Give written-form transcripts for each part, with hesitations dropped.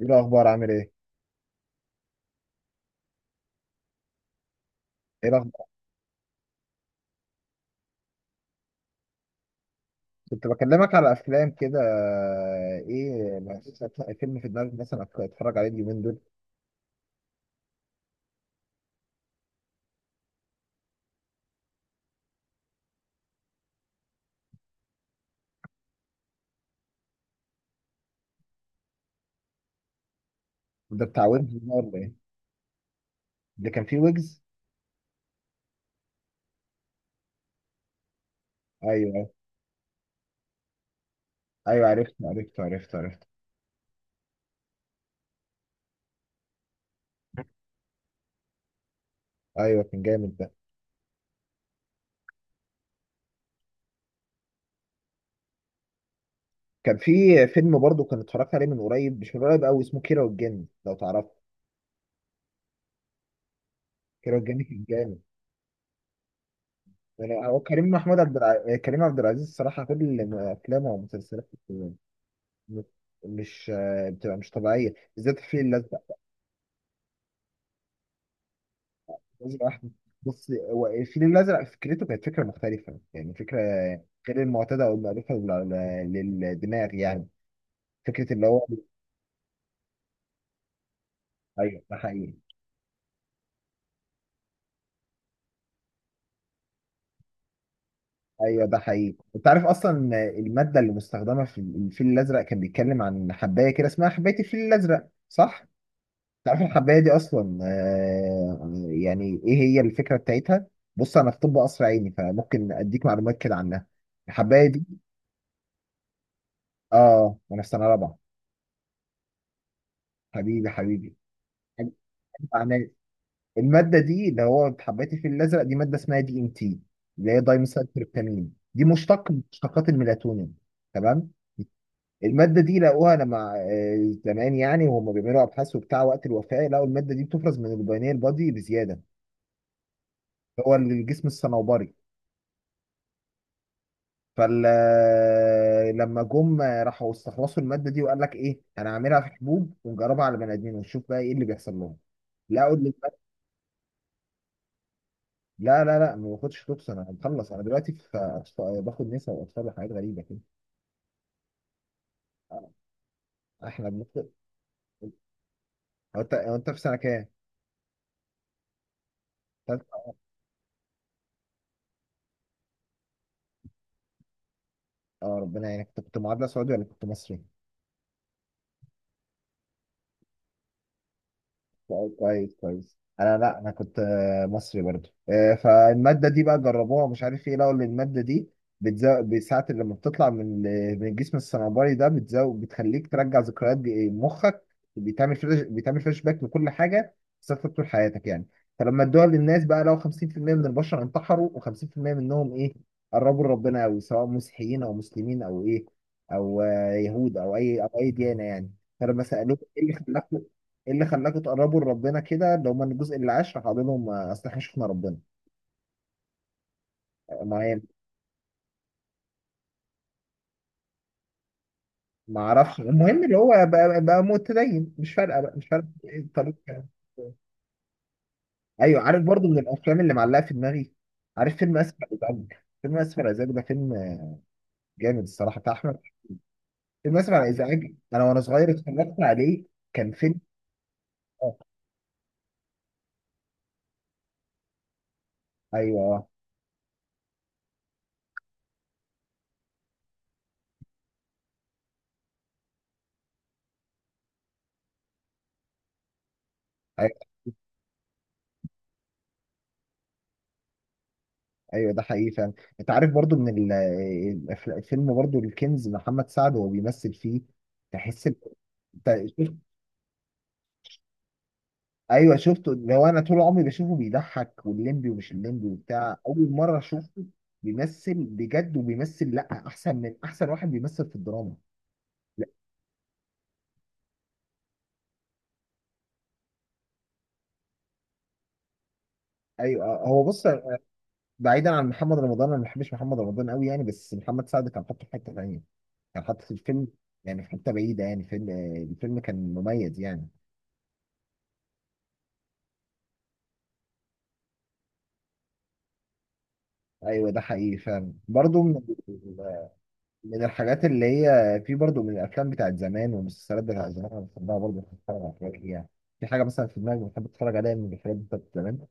ايه الاخبار؟ عامل ايه؟ ايه الاخبار؟ كنت بكلمك على افلام كده، ايه، ما فيش أفلام- فيلم في دماغك مثلا اتفرج عليه اليومين دول؟ ده بتاع ويجز ده ولا ايه؟ اللي كان فيه ويجز. ايوه. أيوه، عرفته. ايوه، كان جامد ده. كان في فيلم برضو كان اتفرجت عليه من قريب، مش من قريب قوي، اسمه كيرة والجن، لو تعرفه. كيرة والجن كان جامد. يعني هو كريم محمود عبد الع... كريم عبد العزيز الصراحه كل افلامه ومسلسلاته مش بتبقى مش طبيعيه، بالذات الفيل الازرق. الازرق احمد. بص، هو الفيل الازرق فكرته كانت فكره مختلفه، يعني فكره غير المعتاده او المألوفه للدماغ يعني. فكره اللي هو ايوه ده حقيقي. ايوه ده حقيقي. انت عارف اصلا الماده اللي مستخدمه في الفيل الازرق، كان بيتكلم عن حبايه كده اسمها حبايه الفيل الازرق، صح؟ انت عارف الحبايه دي اصلا يعني ايه هي الفكره بتاعتها؟ بص انا في طب قصر عيني، فممكن اديك معلومات كده عنها. الحبايه دي، اه، وانا في سنه رابعه. حبيبي حبيبي. المادة دي اللي هو حبيت الفيل الأزرق، دي مادة اسمها دي ام تي، اللي هي دايميثايلتريبتامين، دي مشتق من مشتقات الميلاتونين. تمام. المادة دي لقوها لما زمان يعني، وهم بيعملوا أبحاث وبتاع وقت الوفاة، لقوا المادة دي بتفرز من البيانير بادي بزيادة، اللي هو الجسم الصنوبري. فال آه، لما جم آه، راحوا استخلصوا المادة دي، وقال لك إيه، أنا هعملها في حبوب ونجربها على بني آدمين ونشوف بقى إيه اللي بيحصل لهم. لقوا لا لا لا، ما باخدش توكس، انا مخلص، انا دلوقتي في باخد نسا واطفال وحاجات غريبه كده. احنا بناخد. هو انت في سنه كام؟ تالتة؟ اه، ربنا يعينك. انت كنت معادله سعودي ولا كنت مصري؟ طيب كويس كويس، انا لا، انا كنت مصري برضو. فالماده دي بقى جربوها، مش عارف ايه، لقوا ان الماده دي بتزود بساعة لما بتطلع من من الجسم الصنوبري ده، بتزود بتخليك ترجع ذكريات مخك. بيتعمل فلاش، بيتعمل فلاش باك لكل حاجه. صرت طول حياتك يعني. فلما ادوها للناس بقى، لو 50% من البشر انتحروا، و50% منهم ايه، قربوا لربنا قوي، سواء مسيحيين او مسلمين او ايه، او يهود، او اي او اي ديانه يعني. فلما سالوه ايه اللي خلاك، ايه اللي خلاكوا تقربوا لربنا كده، اللي هم الجزء اللي عاش، راح قال لهم اصل احنا شفنا ربنا. ما يعني ما اعرفش، المهم اللي هو بقى، بقى متدين، مش فارقه بقى، مش فارقه إيه الطريقه يعني. ايوه، عارف برضو من الافلام اللي معلقه في دماغي، عارف فيلم اسف على الازعاج؟ فيلم اسف على الازعاج ده فيلم جامد الصراحه، بتاع احمد. فيلم اسف على الازعاج انا وانا صغير اتفرجت عليه. كان فيلم، آه، ايوه ايوه، أيوة، ده حقيقي فعلا. انت عارف برضو من الفيلم برضو الكنز، محمد سعد وهو بيمثل فيه، تحس انت، ايوه شفته، اللي هو انا طول عمري بشوفه بيضحك والليمبي ومش الليمبي وبتاع، اول مره اشوفه بيمثل بجد، وبيمثل لا احسن من احسن واحد بيمثل في الدراما. لا. ايوه هو بص، بعيدا عن محمد رمضان، انا ما بحبش محمد رمضان قوي يعني، بس محمد سعد كان حاطه في حته ثانيه، كان حاطه في الفيلم يعني في حته بعيده، يعني فيلم، الفيلم كان مميز يعني. ايوه ده حقيقي فعلا، برضه من من الحاجات اللي هي في برضو من الافلام بتاعت زمان والمسلسلات بتاعت زمان، انا بحبها برضو، بحب اتفرج على حاجات ليها. في حاجه مثلا في دماغي بحب اتفرج عليها من الحاجات بتاعت زمان.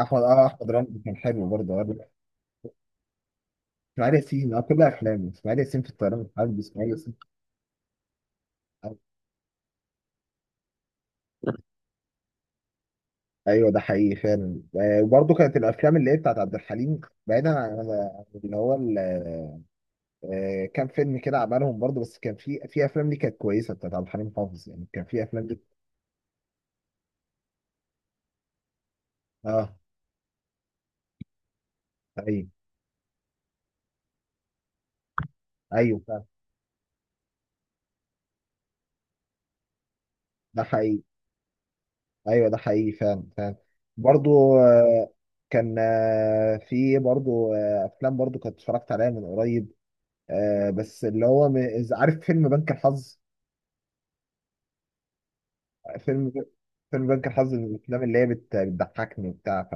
احمد، اه، احمد رمزي كان حلو برضه. اسماعيل ياسين، اه، كل افلامه، اسماعيل ياسين في الطيران الحربي، اسماعيل ياسين في الحرب. ايوه ده حقيقي فعلا. وبرضه كانت الافلام اللي هي بتاعت عبد الحليم، بعيدا عن عن اللي هو كام فيلم كده عملهم برضه، بس كان في في افلام دي كانت كويسه بتاعت عبد الحليم حافظ يعني، كان في افلام دي. اه. ايوه ايوه فعلا. ده حقيقي. ايوه ده حقيقي فعلا فعلا. برضو. آه، كان آه، في برضو افلام برضو كنت اتفرجت عليها من قريب. بس اللي هو إذا عارف فيلم بنك الحظ؟ فيلم، فيلم بنك الحظ من الافلام اللي هي بتضحكني وبتاع ف.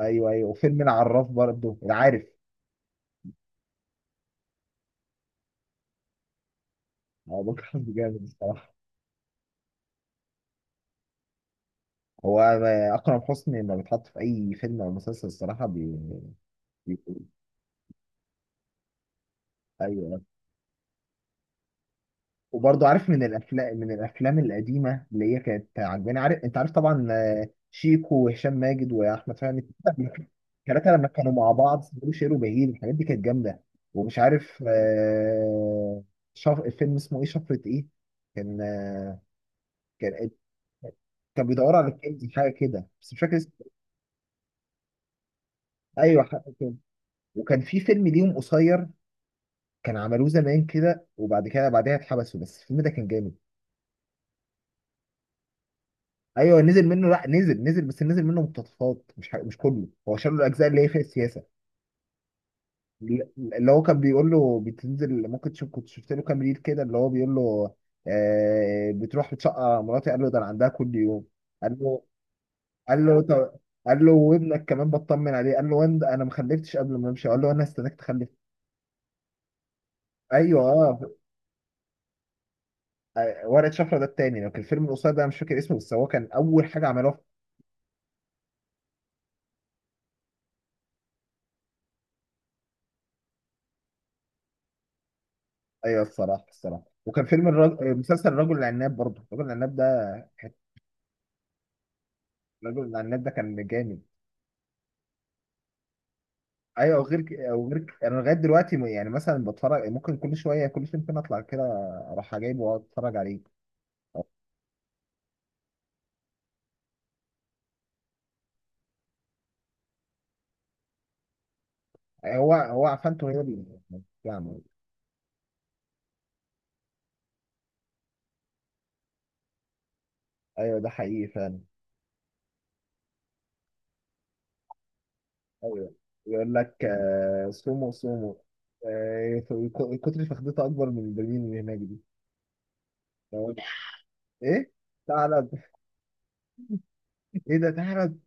ايوه ايوه، وفيلم العراف برضو، العارف. هو بنك الحظ جامد الصراحه. هو اكرم حسني لما بيتحط في اي فيلم او مسلسل الصراحه بي... بي... ايوه. وبرضه عارف من الافلام، من الافلام القديمه اللي هي كانت عجباني، عارف انت، عارف طبعا، شيكو وهشام ماجد واحمد فهمي، الثلاثه لما كانوا مع بعض، سمير شير وبهير، الحاجات دي كانت جامده. ومش عارف الفيلم اسمه ايه، شفرة ايه، كان كان إيه؟ كان بيدور على الكنز حاجه كده، بس مش فاكر اسمه. ايوه حاجه كده. وكان في فيلم ليهم قصير، كان عملوه زمان كده وبعد كده بعدها اتحبسوا، بس الفيلم ده كان جامد. ايوه نزل منه، لا نزل، نزل بس نزل منه مقتطفات، مش كله، هو شال له الاجزاء اللي هي في السياسه. اللي هو كان بيقول له بتنزل ممكن تشوف، كنت شفت له كام ريل كده، اللي هو بيقول له آه بتروح بتشقى مراتي، قال له ده انا عندها كل يوم. قال له، قال له طب، قال له وابنك كمان بطمن عليه، قال له وين ده؟ انا ما خلفتش قبل ما امشي، قال له انا استناك تخلف. ايوه اه. ورقه شفره ده التاني، لو كان الفيلم القصير ده انا مش فاكر اسمه، بس هو كان اول حاجه عملوها في- ايوه الصراحه الصراحه. وكان فيلم مسلسل الرجل العناب برضه، الرجل العناب ده الراجل بتاع النت ده، كان جامد. ايوه، انا لغايه دلوقتي يعني مثلا بتفرج ممكن كل شويه، كل فين فين اطلع كده اروح جايبه واقعد اتفرج عليه. هو عفنته هي اللي بتعمل. ايوه ده حقيقي فعلا. ايوه، يقول لك سومو سومو، آه، كتر فخدته اكبر من البرميل اللي هناك دي. لو- ايه تعرض، ايه ده تعرض؟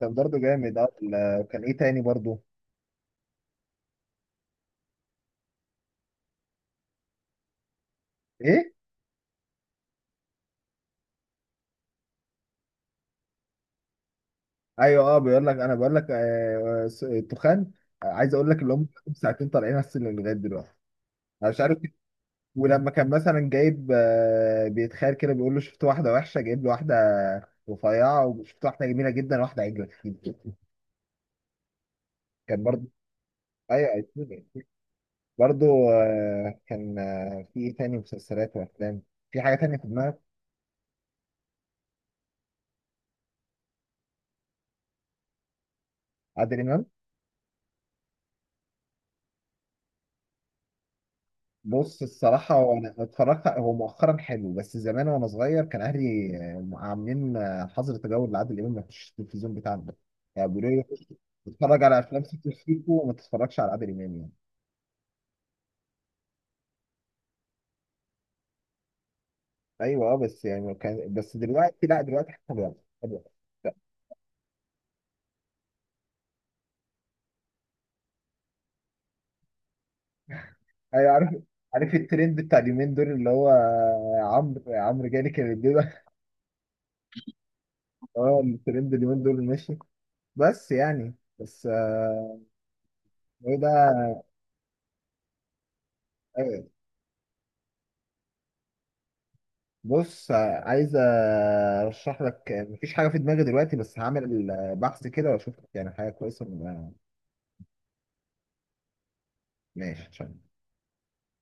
كان برضه جامد اه. كان ايه تاني برضه؟ ايه؟ ايوه اه، بيقول لك، انا بقول لك التخان، عايز اقول لك اللي هم ساعتين طالعين على السلم لغايه دلوقتي، انا مش عارف. ولما كان مثلا جايب بيتخيل كده، بيقول له شفت واحده وحشه جايب له واحده رفيعه، وشفت واحده جميله جدا، واحده عجله كتير. كان برضه، ايوه، أيتوني، أيتوني. برضه آه، كان آه، في ايه تاني مسلسلات وافلام؟ في حاجه تانيه في دماغك؟ عادل امام؟ بص الصراحة، هو أنا اتفرجت، هو مؤخرا حلو، بس زمان وأنا صغير كان أهلي عاملين حظر تجول لعادل إمام، ما يخشش التلفزيون بتاعنا يعني، بيقولوا لي اتفرج على أفلام سيكو سيكو وما تتفرجش على عادل إمام يعني. أيوه أه، بس يعني كان، بس دلوقتي لا، دلوقتي حتى بقى حلو. أيوه، عارف الترند بتاع اليومين دول اللي هو عمرو جالي كان بيبقى اه، الترند اليومين دول ماشي، بس يعني بس ايه ده. بص، عايز ارشح لك، مفيش حاجه في دماغي دلوقتي، بس هعمل بحث كده واشوف يعني حاجه كويسه. ماشي تمام.